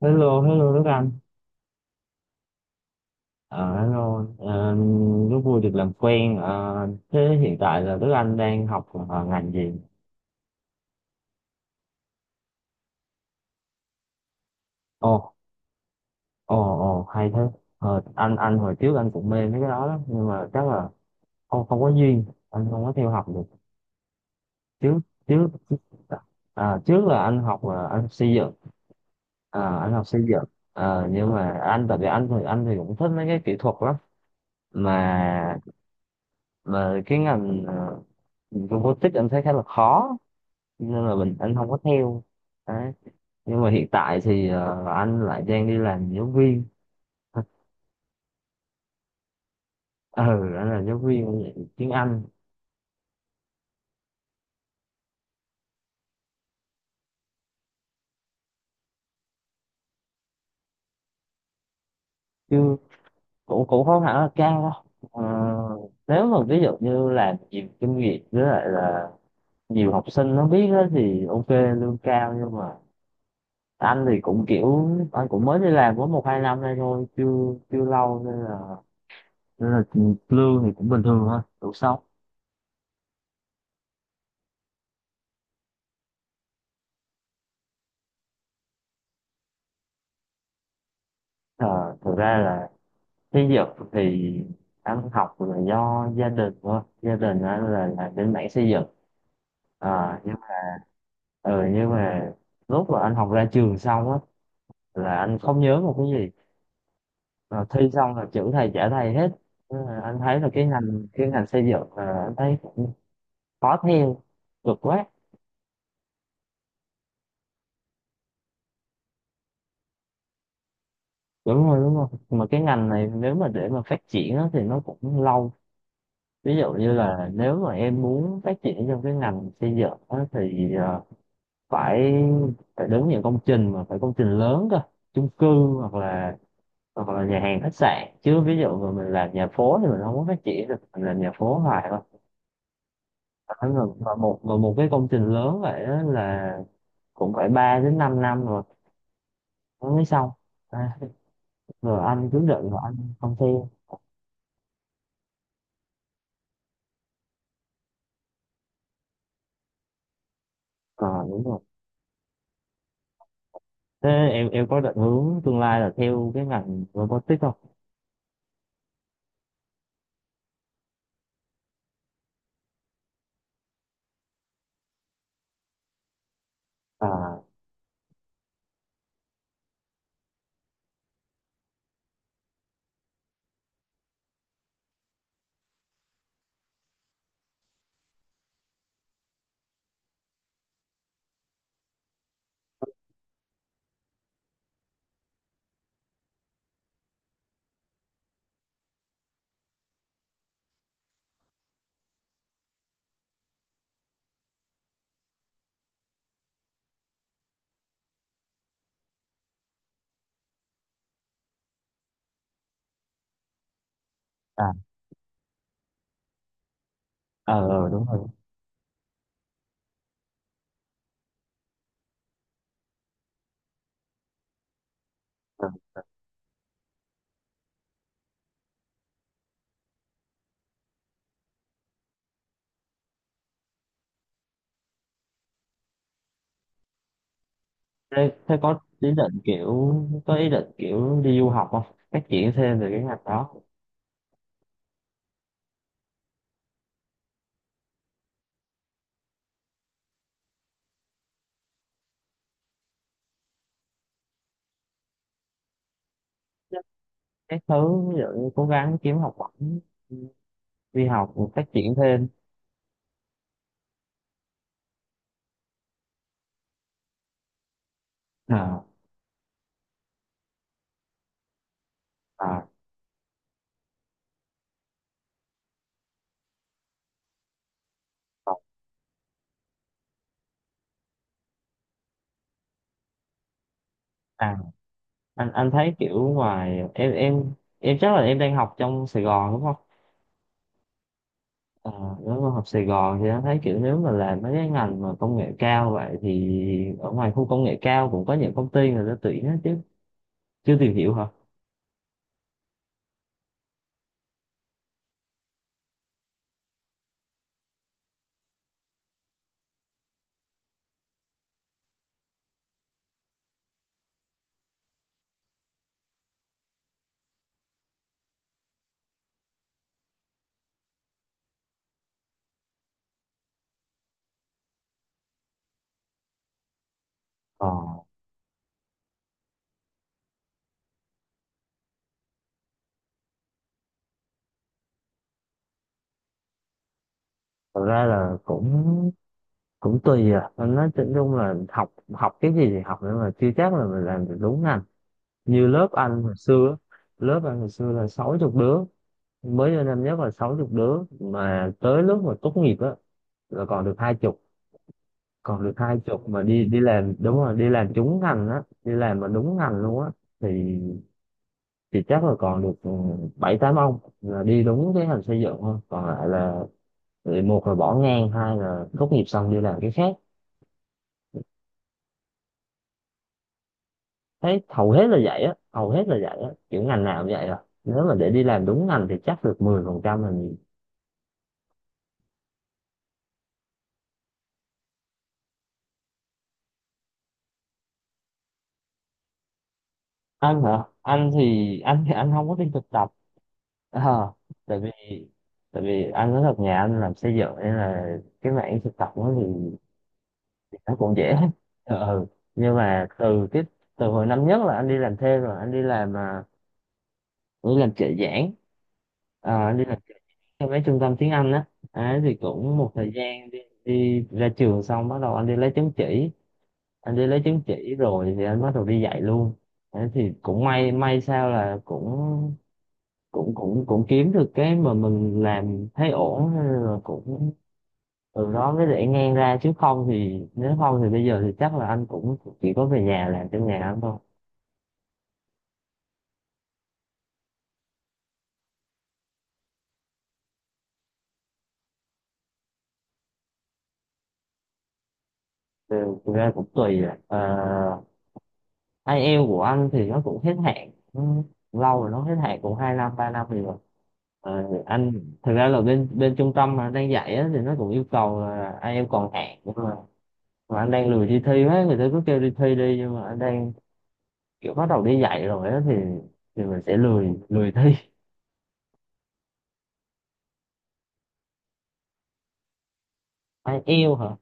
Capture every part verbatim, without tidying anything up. Hello, hello Đức Anh. Ờ, Hello. Ờ, Rất vui được làm quen. Ờ, Thế hiện tại là Đức Anh đang học ờ, ngành gì? Ồ, ồ, ồ, hay thế. Ờ, anh anh hồi trước anh cũng mê mấy cái đó lắm, nhưng mà chắc là không không có duyên, anh không có theo học được. Trước trước à, trước là anh học là anh xây dựng, à, anh học xây dựng. Ờ, nhưng mà anh tại vì anh thì anh thì cũng thích mấy cái kỹ thuật lắm, mà mà cái ngành ờ, robotics anh thấy khá là khó nên là mình anh không có theo đấy. Nhưng mà hiện tại thì ờ, anh lại đang đi làm giáo viên. Ừ, anh là giáo viên dạy tiếng Anh. Chứ cũng cũng không hẳn là cao đâu. Ờ, Nếu mà ví dụ như làm nhiều kinh nghiệm với lại là nhiều học sinh nó biết đó thì ok lương cao, nhưng mà anh thì cũng kiểu anh cũng mới đi làm có một hai năm nay thôi, chưa chưa lâu nên là nên là lương thì cũng bình thường thôi, đủ sống. Ờ, Thực ra là, thí dụ thì anh học là do gia đình thôi, gia đình anh là là bên mảng xây dựng. À, nhưng, ừ, nhưng mà lúc mà anh học ra trường xong á là anh không nhớ một cái gì. Mà thi xong là chữ thầy trả thầy hết. Thế là anh thấy là cái ngành cái ngành xây dựng là anh thấy cũng khó theo, cực quá. Đúng rồi, đúng rồi, mà cái ngành này nếu mà để mà phát triển á, thì nó cũng lâu. Ví dụ như là nếu mà em muốn phát triển trong cái ngành xây dựng á, thì ờ, phải phải đến những công trình mà phải công trình lớn cơ, chung cư hoặc là hoặc là nhà hàng khách sạn, chứ ví dụ mà mình làm nhà phố thì mình không có phát triển được, mình làm nhà phố hoài thôi. Phải là- mà một và một cái công trình lớn vậy đó là cũng phải ba đến 5 năm rồi nó mới xong. À, rồi anh cứ định rồi anh không theo. Còn đúng rồi. Thế em em có định hướng tương lai là theo cái ngành robotics không? à à ờ ờ, Đúng rồi. Ờ. Thế, thế có ý định kiểu có ý định kiểu đi du học không? Phát triển thêm về cái ngành đó. Các thứ, ví dụ như cố gắng kiếm học bổng, đi học phát triển thêm. À, à, còn- à, anh anh thấy kiểu ngoài em em em chắc là em đang học trong Sài Gòn đúng không? À, nếu mà học Sài Gòn thì anh thấy kiểu nếu mà làm mấy cái ngành mà công nghệ cao vậy thì ở ngoài khu công nghệ cao cũng có những công ty người ta tuyển hết chứ, chưa tìm hiểu hả? Ờ, Thật ra là cũng cũng tùy à. Anh nói chung chung là học học cái gì thì học, nhưng mà chưa chắc là mình làm được đúng ngành. Như lớp anh hồi xưa, lớp anh hồi xưa là sáu chục đứa. Mới vô năm nhất là sáu chục đứa mà tới lúc mà tốt nghiệp á là còn được hai chục. Còn được hai chục mà đi đi làm, đúng rồi, đi làm trúng ngành á, đi làm mà đúng ngành luôn á thì thì chắc là còn được ừ, bảy tám ông là đi đúng cái ngành xây dựng thôi, còn lại là thì một là bỏ ngang, hai là tốt nghiệp xong đi làm cái khác. Thấy hầu hết là vậy á, hầu hết là vậy á, kiểu ngành nào cũng vậy rồi. Nếu mà để đi làm đúng ngành thì chắc được mười phần trăm là nhiều. Anh hả? Anh thì anh thì anh không có đi thực tập. Ờ, tại vì tại vì anh nói thật, nhà anh làm xây dựng nên là cái mảng thực tập nó thì, thì nó cũng dễ. Ờ. Nhưng mà từ cái từ hồi năm nhất là anh đi làm thêm rồi, anh đi làm, à, anh đi làm trợ giảng. Ờ, anh đi làm cho mấy trung tâm tiếng Anh á. Đấy, thì cũng một thời gian đi, đi ra trường xong bắt đầu anh đi lấy chứng chỉ. Anh đi lấy chứng chỉ rồi thì anh bắt đầu đi dạy luôn. Thế thì cũng may may sao là cũng cũng cũng cũng kiếm được cái mà mình làm thấy ổn, nên là cũng từ đó mới để ngang ra, chứ không thì nếu không thì bây giờ thì chắc là anh cũng chỉ có về nhà làm trong nhà anh thôi. Từ- thực ra cũng tùy à. Ờ, ai eo của anh thì nó cũng hết hạn, nó lâu rồi, nó hết hạn cũng hai năm ba năm rồi. Ờ, anh thực ra là bên bên trung tâm mà đang dạy á, thì nó cũng yêu cầu là ai eo còn hạn, nhưng mà mà anh đang lười đi thi hết, người ta cứ kêu đi thi đi, nhưng mà anh đang kiểu bắt đầu đi dạy rồi á thì thì mình sẽ lười lười thi. Ai yêu hả?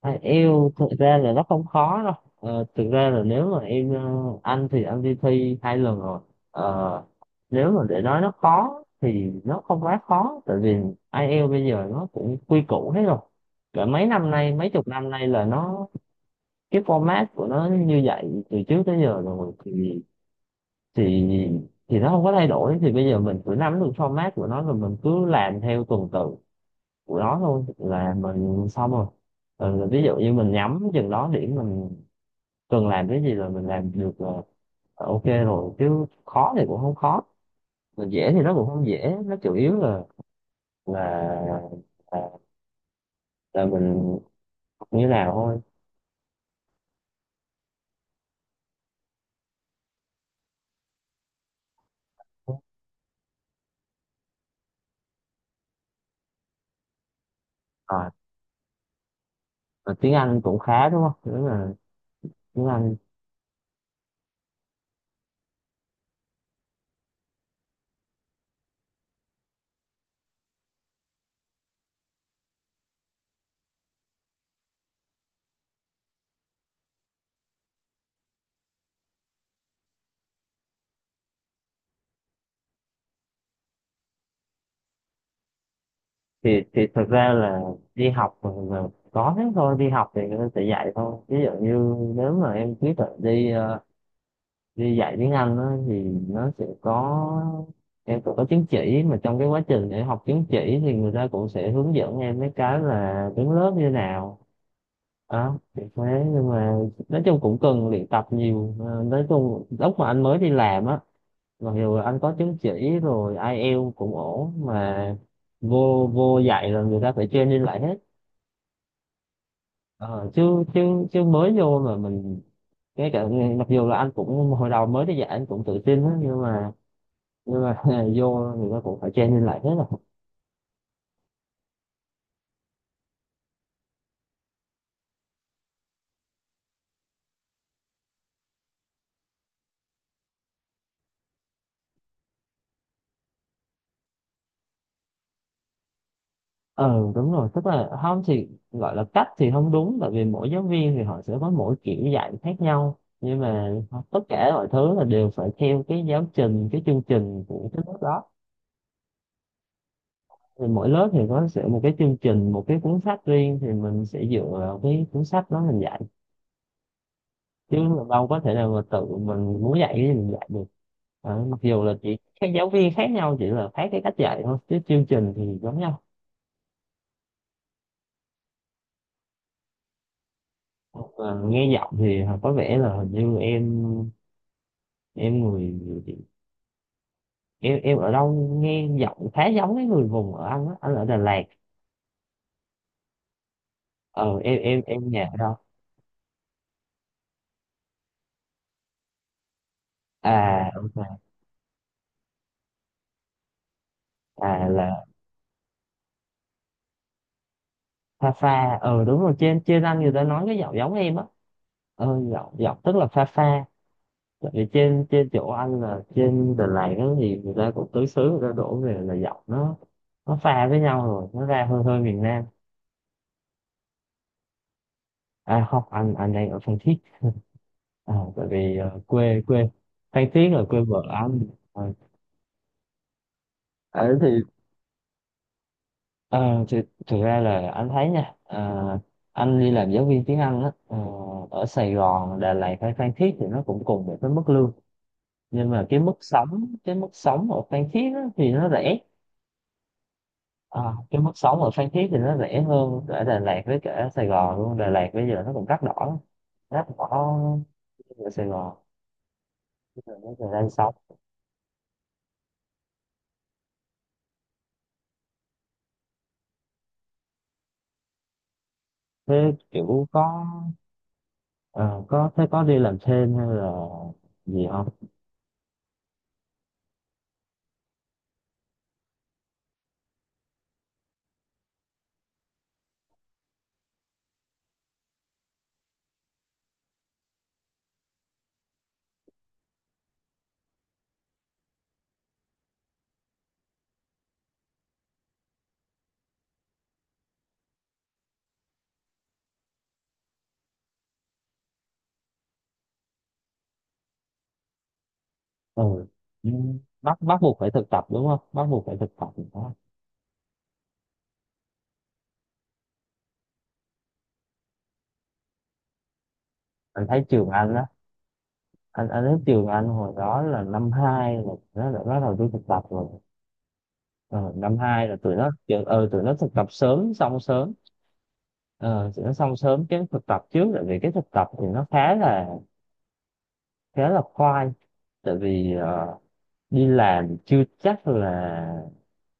Ai yêu thực ra là nó không khó đâu. Ờ, thực ra là nếu mà em ờ, Anh thì anh đi thi hai lần rồi. ờ, Nếu mà để nói nó khó thì nó không quá khó, tại vì ai IELTS bây giờ nó cũng quy củ hết rồi. Cả mấy năm nay, mấy chục năm nay là nó cái format của nó như vậy từ trước tới giờ rồi thì thì thì nó không có thay đổi. Thì bây giờ mình cứ nắm được format của nó rồi mình cứ làm theo tuần tự của nó thôi là mình xong rồi. Ừ, ví dụ như mình nhắm chừng đó điểm, mình cần làm cái gì rồi mình làm được là là ok rồi, chứ khó thì cũng không khó, mà dễ thì nó cũng không dễ. Nó chủ yếu là là là, là mình học như nào thôi. À, mà tiếng Anh cũng khá đúng không, nếu mà tiếng Anh thì thì thật ra là đi học mà là có thế thôi, đi học thì nó sẽ dạy thôi. Ví dụ như nếu mà em quyết định đi ờ, đi dạy tiếng Anh á, thì nó sẽ có, em cũng có chứng chỉ mà trong cái quá trình để học chứng chỉ thì người ta cũng sẽ hướng dẫn em mấy cái là đứng lớp như nào đó. Thì thế, nhưng mà nói chung cũng cần luyện tập nhiều. Ờ, nói chung lúc mà anh mới đi làm á, mặc dù anh có chứng chỉ rồi, ai IELTS cũng ổn, mà vô vô dạy là người ta phải training lại hết. Ờ, chứ chứ chứ mới vô mà mình cái cả mặc dù là anh cũng hồi đầu mới đi dạy anh cũng tự tin á, nhưng mà nhưng mà vô người ta cũng phải training lại hết rồi. Ừ đúng rồi, tức là không thì gọi là cách thì không đúng, tại vì mỗi giáo viên thì họ sẽ có mỗi kiểu dạy khác nhau, nhưng mà tất cả mọi thứ là đều phải theo cái giáo trình, cái chương trình của cái lớp đó. Thì mỗi lớp thì có sẽ một cái chương trình, một cái cuốn sách riêng, thì mình sẽ dựa vào cái cuốn sách đó mình dạy, chứ đâu có thể nào mà tự mình muốn dạy thì mình dạy được. Ờ, mặc dù là chỉ các giáo viên khác nhau chỉ là khác cái cách dạy thôi, chứ chương trình thì giống nhau. Ờ, nghe giọng thì có vẻ là hình như em em người em em ở đâu, nghe giọng khá giống cái người vùng ở anh á, anh ở Đà Lạt. Ờ em em em nhà ở đâu? À ok. À là Pha Pha, ờ đúng rồi, trên trên anh người ta nói cái giọng giống em á. Ờ, giọng giọng tức là Pha Pha. Tại vì trên trên chỗ anh là trên Đà Lạt đó thì người ta cũng tứ xứ, người ta đổ về là giọng nó nó pha với nhau rồi nó ra hơi hơi miền Nam. À không, anh anh đang ở Phan Thiết. À, tại vì ờ, quê quê Phan Thiết là quê vợ anh. Ờ, Ờ, thì Ờ, thì, thực ra là anh thấy nha, ờ, anh đi làm giáo viên tiếng Anh á, ờ, ở Sài Gòn, Đà Lạt hay Phan Thiết thì nó cũng cùng một cái mức lương, nhưng mà cái mức sống cái mức sống ở Phan Thiết á, thì nó rẻ. À, cái mức sống ở Phan Thiết thì nó rẻ hơn ở Đà Lạt với cả Sài Gòn luôn. Đà Lạt bây giờ nó cũng đắt đỏ lắm. Đắt đỏ ở Sài Gòn bây giờ nó về đây sống. Thế kiểu có ờ, có thế có đi làm thêm hay là gì không? Ừ. Ừ, bắt bắt buộc phải thực tập đúng không, bắt buộc phải thực tập đúng không? Anh thấy trường anh đó, anh anh thấy trường anh hồi đó là năm hai là nó đã bắt đầu đi thực tập rồi. Ờ, năm hai là tụi nó kiểu- ờ tụi nó thực tập sớm xong sớm. Ờ, sẽ xong sớm cái thực tập trước, tại vì cái thực tập thì nó khá là khá là khoai. Tại vì ờ, đi làm chưa chắc là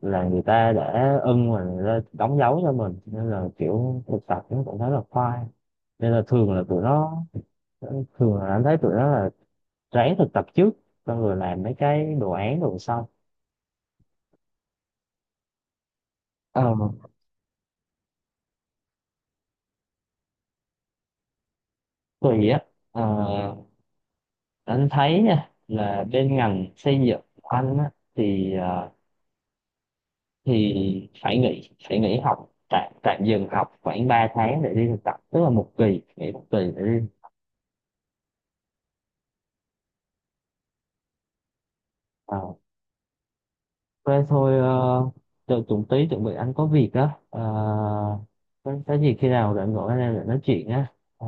là người ta đã ưng mà người ta đóng dấu cho mình, nên là kiểu thực tập nó cũng khá là khoai. Nên là thường là tụi nó thường là anh thấy tụi nó là ráng thực tập trước, xong rồi làm mấy cái đồ án đồ sau. ờ, Tùy á. ờ, anh thấy nha là bên ngành xây dựng của anh á, thì ờ, thì phải nghỉ phải nghỉ học, tạm tạm dừng học khoảng ba tháng để đi thực tập, tức là một kỳ nghỉ, một kỳ để đi. À, thế thôi. ờ, Đợi tụi tí chuẩn bị, anh có việc á. À, có có gì khi nào rảnh gọi anh em để nói chuyện á. Ờ,